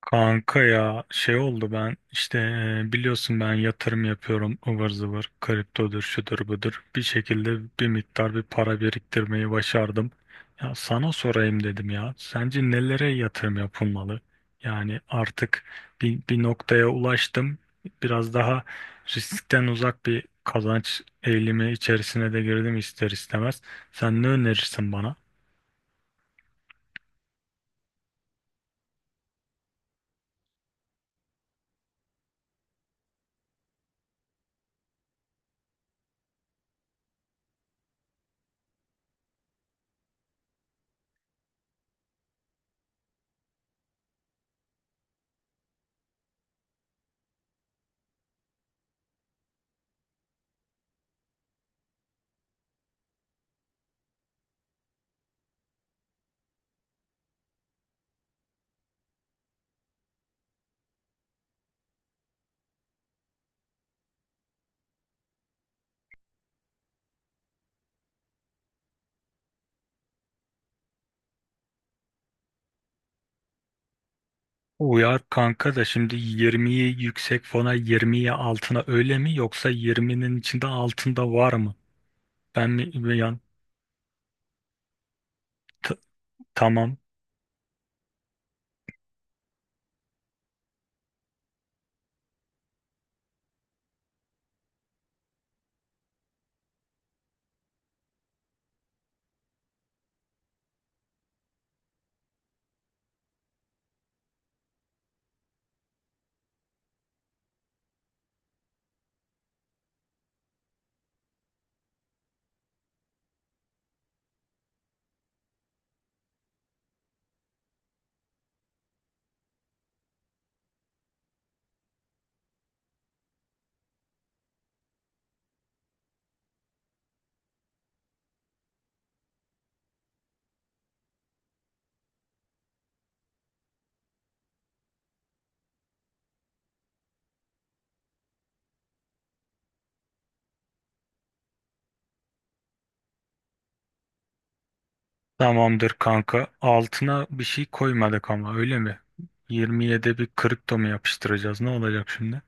Kanka ya şey oldu ben işte biliyorsun ben yatırım yapıyorum ıvır zıvır kriptodur şudur budur bir şekilde bir miktar bir para biriktirmeyi başardım. Ya sana sorayım dedim, ya sence nelere yatırım yapılmalı? Yani artık bir noktaya ulaştım, biraz daha riskten uzak bir kazanç eğilimi içerisine de girdim ister istemez. Sen ne önerirsin bana? Uyar kanka da, şimdi 20'yi yüksek fona, 20'yi altına öyle mi, yoksa 20'nin içinde altında var mı? Ben mi yani? t- tamam. Tamamdır kanka, altına bir şey koymadık ama öyle mi? 20'ye de bir kripto mu yapıştıracağız, ne olacak şimdi?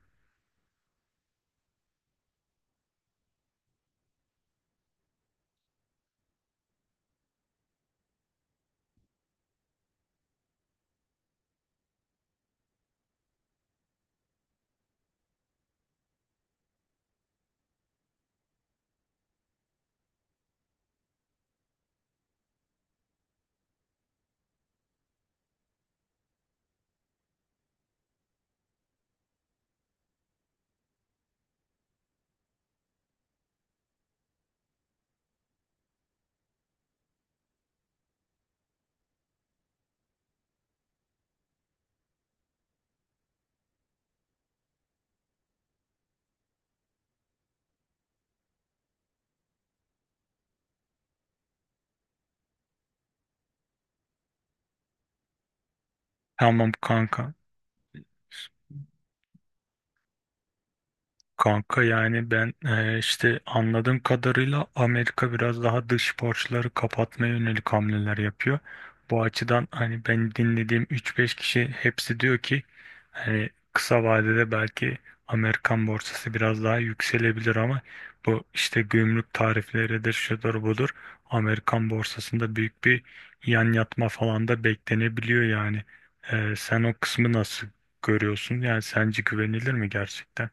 Tamam kanka. Kanka yani ben işte anladığım kadarıyla Amerika biraz daha dış borçları kapatmaya yönelik hamleler yapıyor. Bu açıdan hani ben dinlediğim 3-5 kişi hepsi diyor ki, hani kısa vadede belki Amerikan borsası biraz daha yükselebilir ama bu işte gümrük tarifleridir, şudur budur. Amerikan borsasında büyük bir yan yatma falan da beklenebiliyor yani. Sen o kısmı nasıl görüyorsun? Yani sence güvenilir mi gerçekten?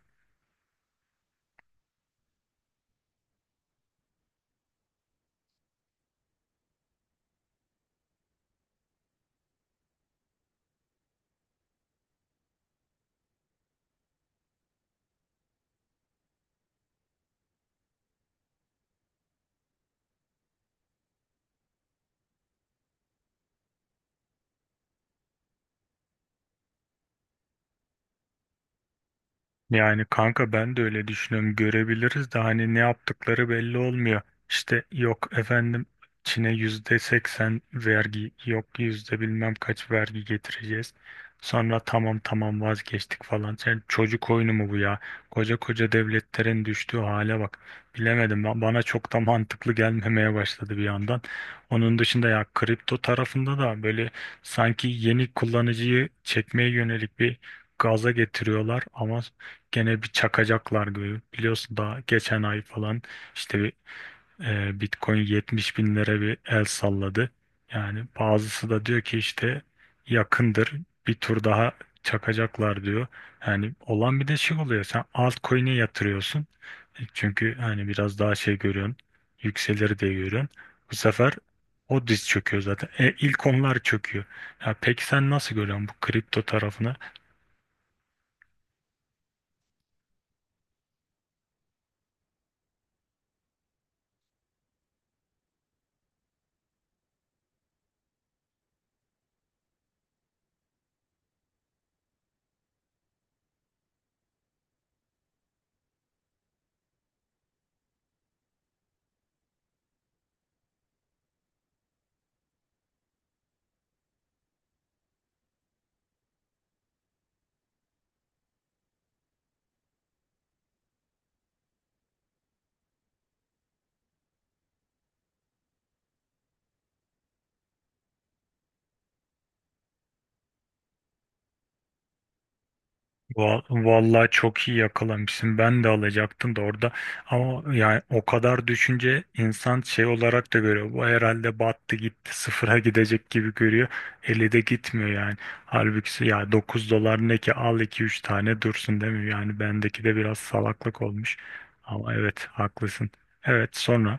Yani kanka ben de öyle düşünüyorum. Görebiliriz de hani ne yaptıkları belli olmuyor. İşte yok efendim Çin'e %80 vergi, yok yüzde bilmem kaç vergi getireceğiz. Sonra tamam tamam vazgeçtik falan. Sen çocuk oyunu mu bu ya? Koca koca devletlerin düştüğü hale bak. Bilemedim, bana çok da mantıklı gelmemeye başladı bir yandan. Onun dışında ya kripto tarafında da böyle sanki yeni kullanıcıyı çekmeye yönelik bir gaza getiriyorlar ama gene bir çakacaklar gibi. Biliyorsun daha geçen ay falan işte bir, Bitcoin 70 binlere bir el salladı. Yani bazısı da diyor ki işte yakındır, bir tur daha çakacaklar diyor. Yani olan bir de şey oluyor, sen altcoin'e yatırıyorsun. Çünkü hani biraz daha şey görüyorsun, yükselir diye görüyorsun. Bu sefer o diz çöküyor zaten. E, ilk onlar çöküyor. Ya peki sen nasıl görüyorsun bu kripto tarafını? Vallahi çok iyi yakalamışsın. Ben de alacaktım da orada. Ama yani o kadar düşünce insan şey olarak da görüyor. Bu herhalde battı gitti, sıfıra gidecek gibi görüyor. Eli de gitmiyor yani. Halbuki ya 9 dolar ne ki, al iki üç tane dursun değil mi? Yani bendeki de biraz salaklık olmuş. Ama evet haklısın. Evet, sonra.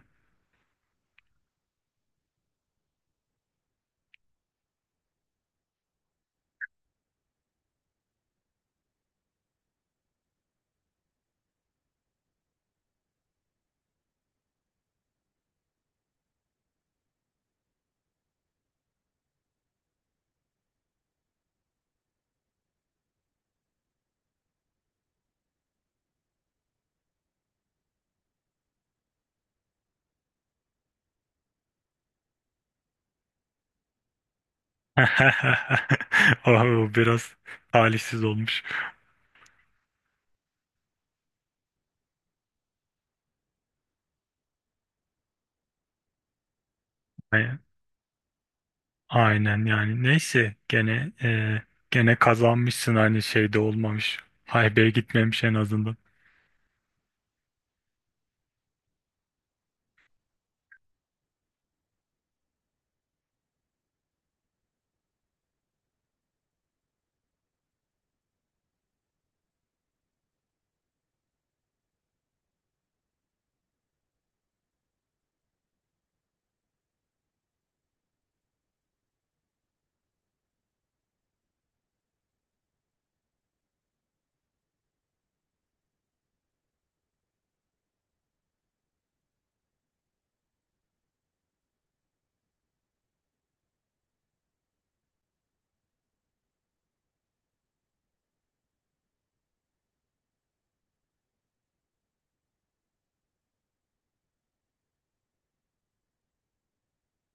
O biraz talihsiz olmuş. Aynen yani, neyse, gene kazanmışsın, hani şeyde olmamış. Haybeye gitmemiş en azından.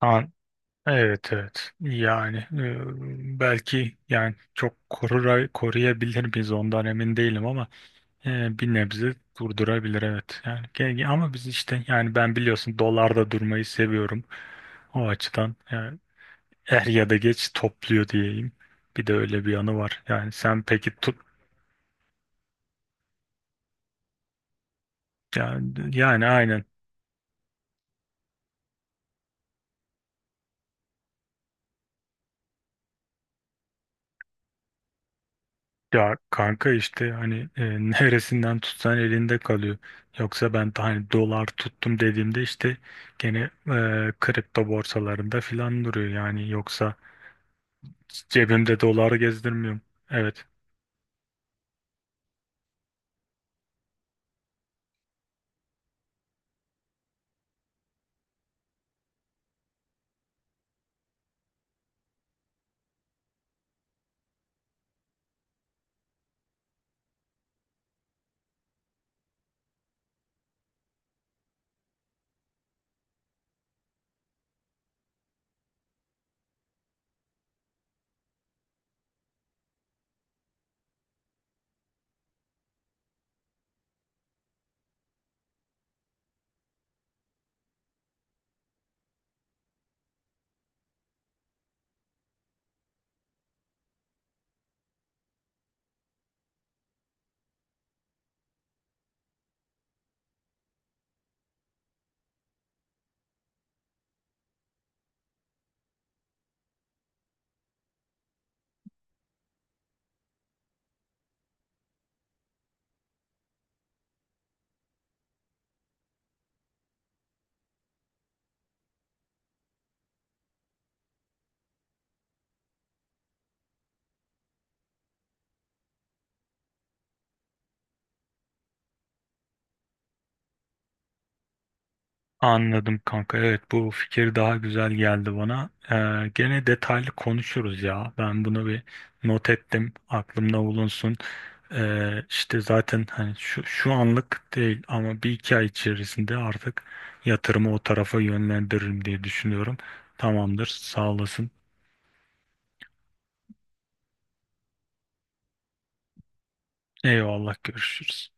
Ha, evet evet yani, belki yani çok koruyabilir miyiz ondan emin değilim ama bir nebze durdurabilir, evet. Yani ama biz işte, yani ben biliyorsun dolarda durmayı seviyorum, o açıdan yani er ya da geç topluyor diyeyim. Bir de öyle bir yanı var. Yani sen peki tut. Yani aynen. Ya kanka, işte hani neresinden tutsan elinde kalıyor. Yoksa ben de hani dolar tuttum dediğimde işte gene kripto borsalarında filan duruyor yani, yoksa cebimde dolar gezdirmiyorum. Evet, anladım kanka, evet, bu fikir daha güzel geldi bana. Gene detaylı konuşuruz ya, ben bunu bir not ettim, aklımda bulunsun. İşte zaten, hani şu anlık değil ama bir iki ay içerisinde artık yatırımı o tarafa yönlendiririm diye düşünüyorum. Tamamdır, sağ olasın. Eyvallah, görüşürüz.